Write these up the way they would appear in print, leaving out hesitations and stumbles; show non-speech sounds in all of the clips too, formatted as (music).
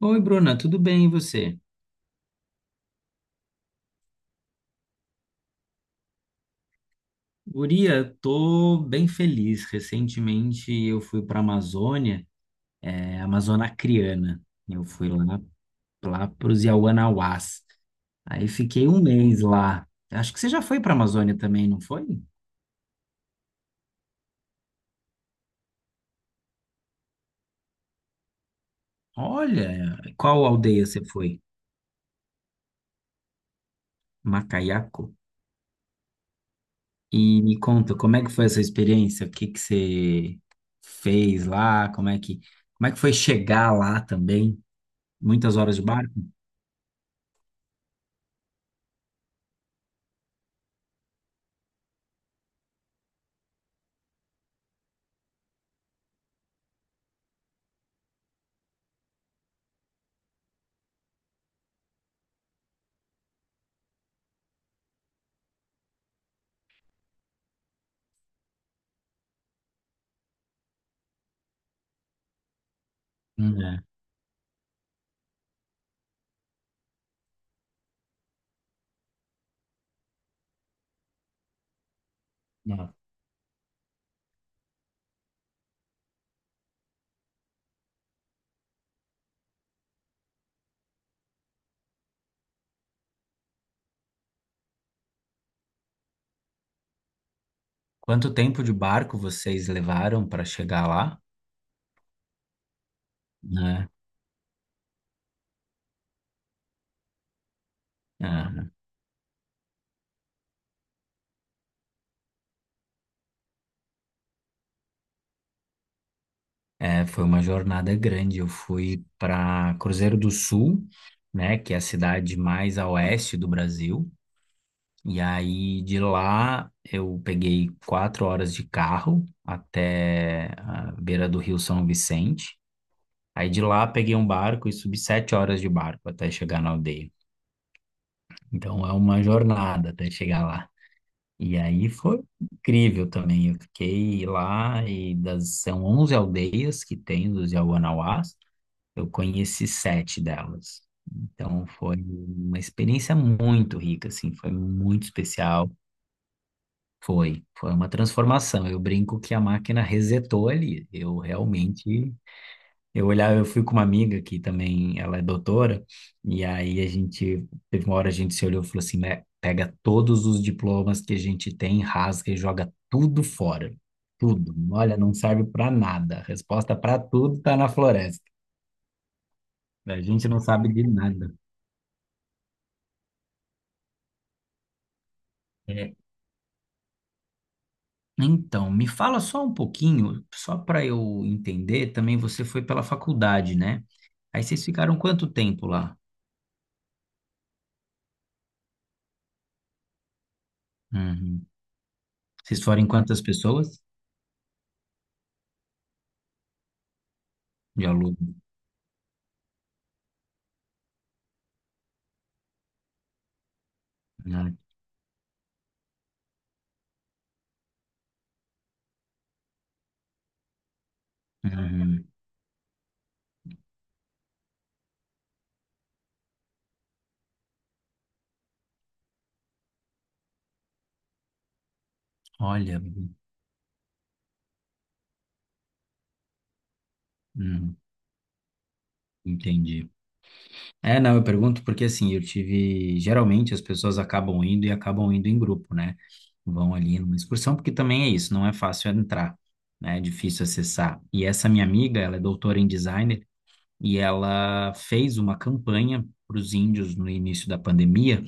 Oi, Bruna, tudo bem e você? Guria, tô bem feliz. Recentemente eu fui para a Amazônia, Amazônia Acreana. Eu fui lá, para os Yawanawás. Aí fiquei um mês lá. Acho que você já foi para a Amazônia também, não foi? Olha, qual aldeia você foi? Macaiaco? E me conta, como é que foi essa experiência? O que que você fez lá? Como é que foi chegar lá também? Muitas horas de barco? Hum. É. Quanto tempo de barco vocês levaram para chegar lá, né? É, foi uma jornada grande. Eu fui para Cruzeiro do Sul, né, que é a cidade mais a oeste do Brasil. E aí de lá eu peguei 4 horas de carro até a beira do Rio São Vicente. Aí de lá peguei um barco e subi 7 horas de barco até chegar na aldeia. Então é uma jornada até chegar lá. E aí foi incrível também. Eu fiquei lá são 11 aldeias que tem dos Yawanawás. Eu conheci sete delas. Então foi uma experiência muito rica, assim, foi muito especial. Foi uma transformação. Eu brinco que a máquina resetou ali. Eu realmente eu olhava, eu fui com uma amiga que também, ela é doutora, e aí teve uma hora a gente se olhou e falou assim, "Né, pega todos os diplomas que a gente tem, rasga e joga tudo fora. Tudo. Olha, não serve para nada. A resposta para tudo tá na floresta. A gente não sabe de nada." É, Então, me fala só um pouquinho, só para eu entender, também você foi pela faculdade, né? Aí vocês ficaram quanto tempo lá? Uhum. Vocês foram em quantas pessoas de aluno? Uhum. Olha, hum, entendi. É, não, eu pergunto porque assim, eu tive. Geralmente as pessoas acabam indo e acabam indo em grupo, né? Vão ali numa excursão, porque também é isso, não é fácil entrar, né? É difícil acessar. E essa minha amiga, ela é doutora em designer e ela fez uma campanha para os índios no início da pandemia,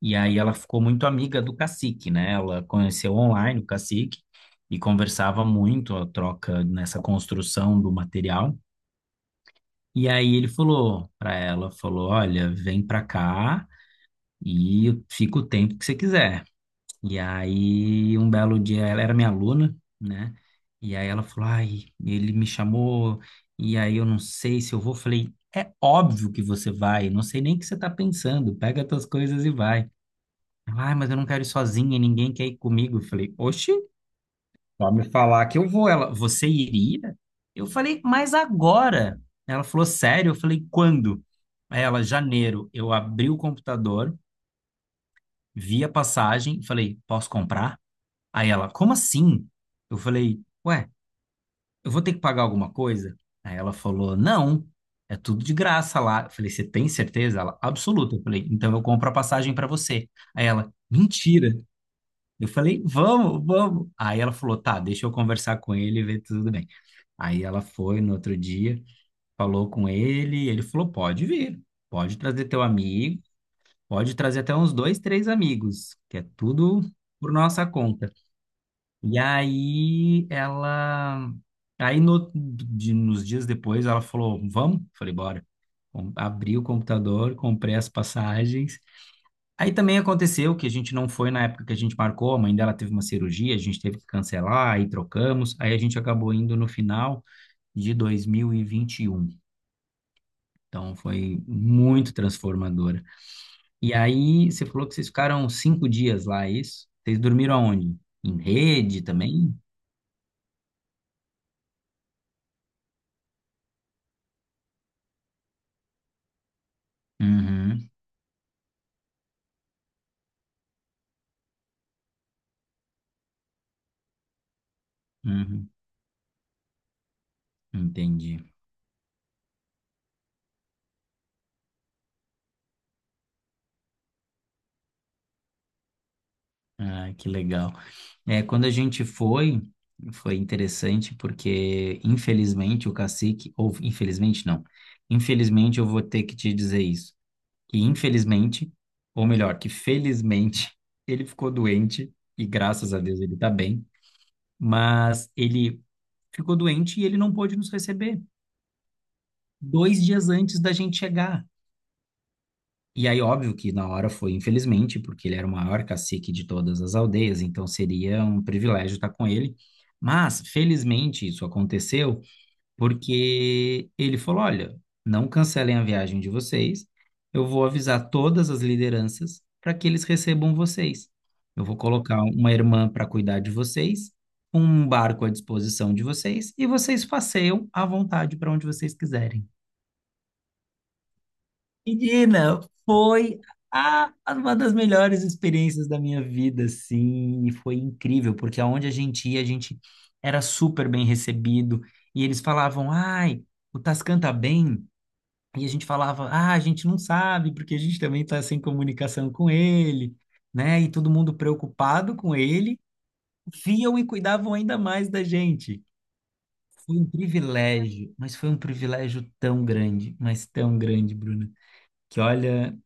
e aí ela ficou muito amiga do cacique, né? Ela conheceu online o cacique e conversava muito a troca nessa construção do material. E aí ele falou para ela, falou, olha, vem para cá e fica o tempo que você quiser. E aí um belo dia ela era minha aluna, né? E aí ela falou, ai, ele me chamou e aí eu não sei se eu vou. Falei, é óbvio que você vai, não sei nem o que você tá pensando, pega as tuas coisas e vai. Ela, ai, mas eu não quero ir sozinha, ninguém quer ir comigo. Eu falei, oxi. Só me falar que eu vou. Ela, você iria? Eu falei, mas agora? Ela falou, sério? Eu falei, quando? Aí ela, janeiro. Eu abri o computador, vi a passagem, falei, posso comprar? Aí ela, como assim? Eu falei, ué, eu vou ter que pagar alguma coisa? Aí ela falou, não, é tudo de graça lá. Eu falei, você tem certeza? Ela, absoluta. Eu falei, então eu compro a passagem para você. Aí ela, mentira. Eu falei, vamos, vamos. Aí ela falou, tá, deixa eu conversar com ele e ver tudo bem. Aí ela foi no outro dia, falou com ele, ele falou: pode vir, pode trazer teu amigo, pode trazer até uns dois, três amigos, que é tudo por nossa conta. E aí ela. Aí no, de- nos dias depois ela falou: vamos? Falei: bora. Abri o computador, comprei as passagens. Aí também aconteceu que a gente não foi na época que a gente marcou, a mãe dela teve uma cirurgia, a gente teve que cancelar, aí trocamos, aí a gente acabou indo no final de 2021. Então foi muito transformadora. E aí, você falou que vocês ficaram 5 dias lá, é isso? Vocês dormiram aonde? Em rede também? Uhum, uhum, entendi. Ah, que legal. É, quando a gente foi, foi interessante porque, infelizmente, o cacique, ou infelizmente não, infelizmente eu vou ter que te dizer isso, que infelizmente, ou melhor, que felizmente, (laughs) ele ficou doente e graças a Deus ele tá bem, mas ele ficou doente e ele não pôde nos receber 2 dias antes da gente chegar. E aí, óbvio que na hora foi, infelizmente, porque ele era o maior cacique de todas as aldeias, então seria um privilégio estar com ele. Mas, felizmente, isso aconteceu porque ele falou: olha, não cancelem a viagem de vocês, eu vou avisar todas as lideranças para que eles recebam vocês. Eu vou colocar uma irmã para cuidar de vocês, um barco à disposição de vocês, e vocês passeiam à vontade para onde vocês quiserem. Menina, foi uma das melhores experiências da minha vida, assim, e foi incrível, porque aonde a gente ia, a gente era super bem recebido, e eles falavam, ai, o Tascan tá bem? E a gente falava, ah, a gente não sabe, porque a gente também está sem comunicação com ele, né? E todo mundo preocupado com ele, viam e cuidavam ainda mais da gente. Foi um privilégio, mas foi um privilégio tão grande, mas tão grande, Bruna, que olha,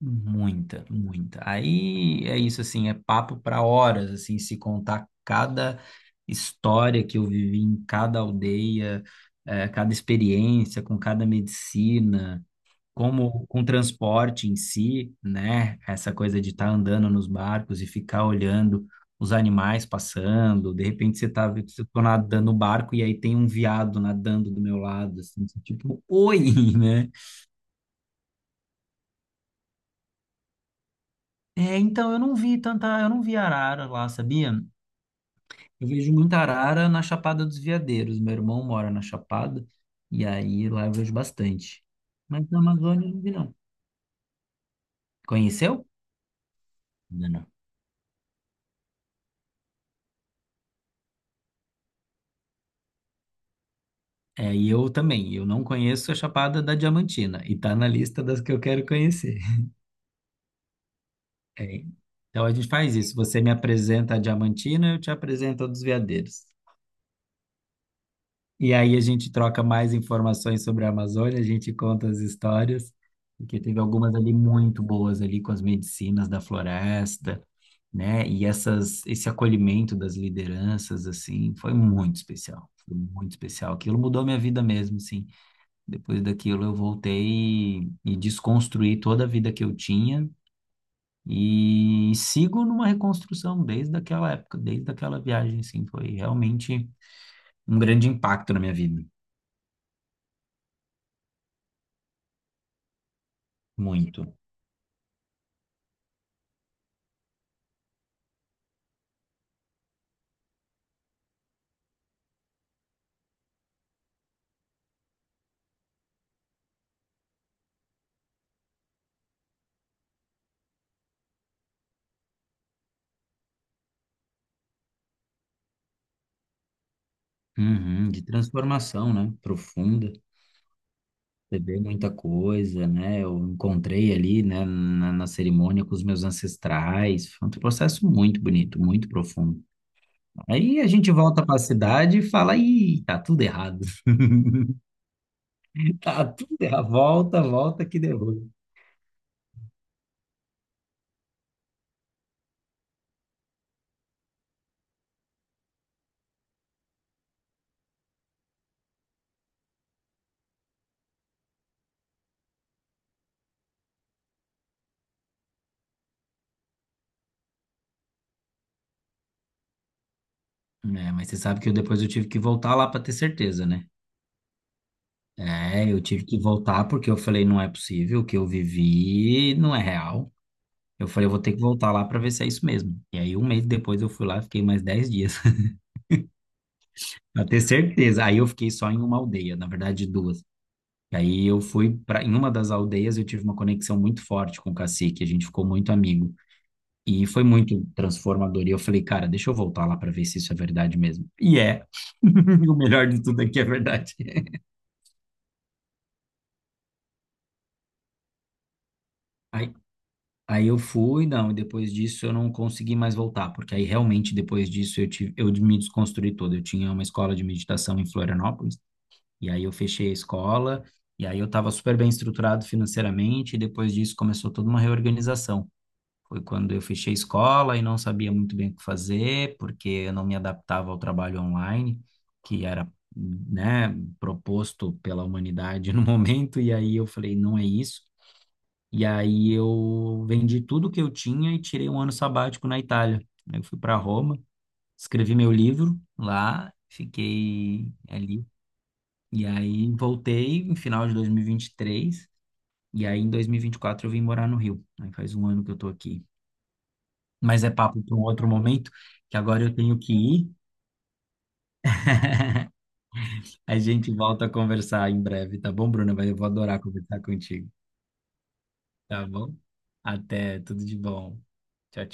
muita, muita. Aí é isso, assim, é papo para horas, assim, se contar cada história que eu vivi em cada aldeia, cada experiência com cada medicina. Como com o transporte em si, né? Essa coisa de estar andando nos barcos e ficar olhando os animais passando, de repente você tá nadando no barco e aí tem um viado nadando do meu lado, assim, você, tipo, oi, (laughs) né? É, então eu não vi tanta, eu não vi arara lá, sabia? Eu vejo muita arara na Chapada dos Veadeiros. Meu irmão mora na Chapada e aí lá eu vejo bastante. Mas na Amazônia eu não vi, não. Conheceu? Não. É, e eu também, eu não conheço a Chapada da Diamantina, e tá na lista das que eu quero conhecer. (laughs) É, então a gente faz isso, você me apresenta a Diamantina, eu te apresento a dos Veadeiros. E aí a gente troca mais informações sobre a Amazônia, a gente conta as histórias, porque teve algumas ali muito boas ali com as medicinas da floresta, né? E essas, esse acolhimento das lideranças, assim, foi muito especial, foi muito especial. Aquilo mudou minha vida mesmo, sim. Depois daquilo, eu voltei e desconstruí toda a vida que eu tinha e sigo numa reconstrução desde aquela época, desde aquela viagem, assim, foi realmente um grande impacto na minha vida, muito. Uhum, de transformação, né? Profunda, beber muita coisa, né? Eu encontrei ali, né, na, na cerimônia com os meus ancestrais. Foi um processo muito bonito, muito profundo. Aí a gente volta para a cidade e fala, ih, tá tudo errado. (laughs) Tá tudo errado. Volta, volta que derruba. É, mas você sabe que eu depois eu tive que voltar lá para ter certeza, né? É, eu tive que voltar porque eu falei, não é possível, o que eu vivi não é real. Eu falei, eu vou ter que voltar lá para ver se é isso mesmo. E aí, um mês depois, eu fui lá, fiquei mais 10 dias (laughs) para ter certeza. Aí eu fiquei só em uma aldeia, na verdade, duas. E aí eu fui para em uma das aldeias, eu tive uma conexão muito forte com o cacique, a gente ficou muito amigo. E foi muito transformador. E eu falei, cara, deixa eu voltar lá para ver se isso é verdade mesmo. E é. (laughs) O melhor de tudo é que é verdade. Aí, aí, eu fui, não, e depois disso eu não consegui mais voltar, porque aí realmente depois disso eu tive, eu me desconstruí todo. Eu tinha uma escola de meditação em Florianópolis, e aí eu fechei a escola, e aí eu estava super bem estruturado financeiramente, e depois disso começou toda uma reorganização. Foi quando eu fechei a escola e não sabia muito bem o que fazer, porque eu não me adaptava ao trabalho online, que era, né, proposto pela humanidade no (laughs) momento, e aí eu falei, não é isso. E aí eu vendi tudo que eu tinha e tirei um ano sabático na Itália. Aí eu fui para Roma, escrevi meu livro lá, fiquei ali. E aí voltei no final de 2023, e vinte e três, e aí em 2024 eu vim morar no Rio. Aí faz um ano que eu tô aqui. Mas é papo para um outro momento, que agora eu tenho que ir. A gente volta a conversar em breve, tá bom, Bruna? Mas eu vou adorar conversar contigo, tá bom? Até, tudo de bom. Tchau, tchau.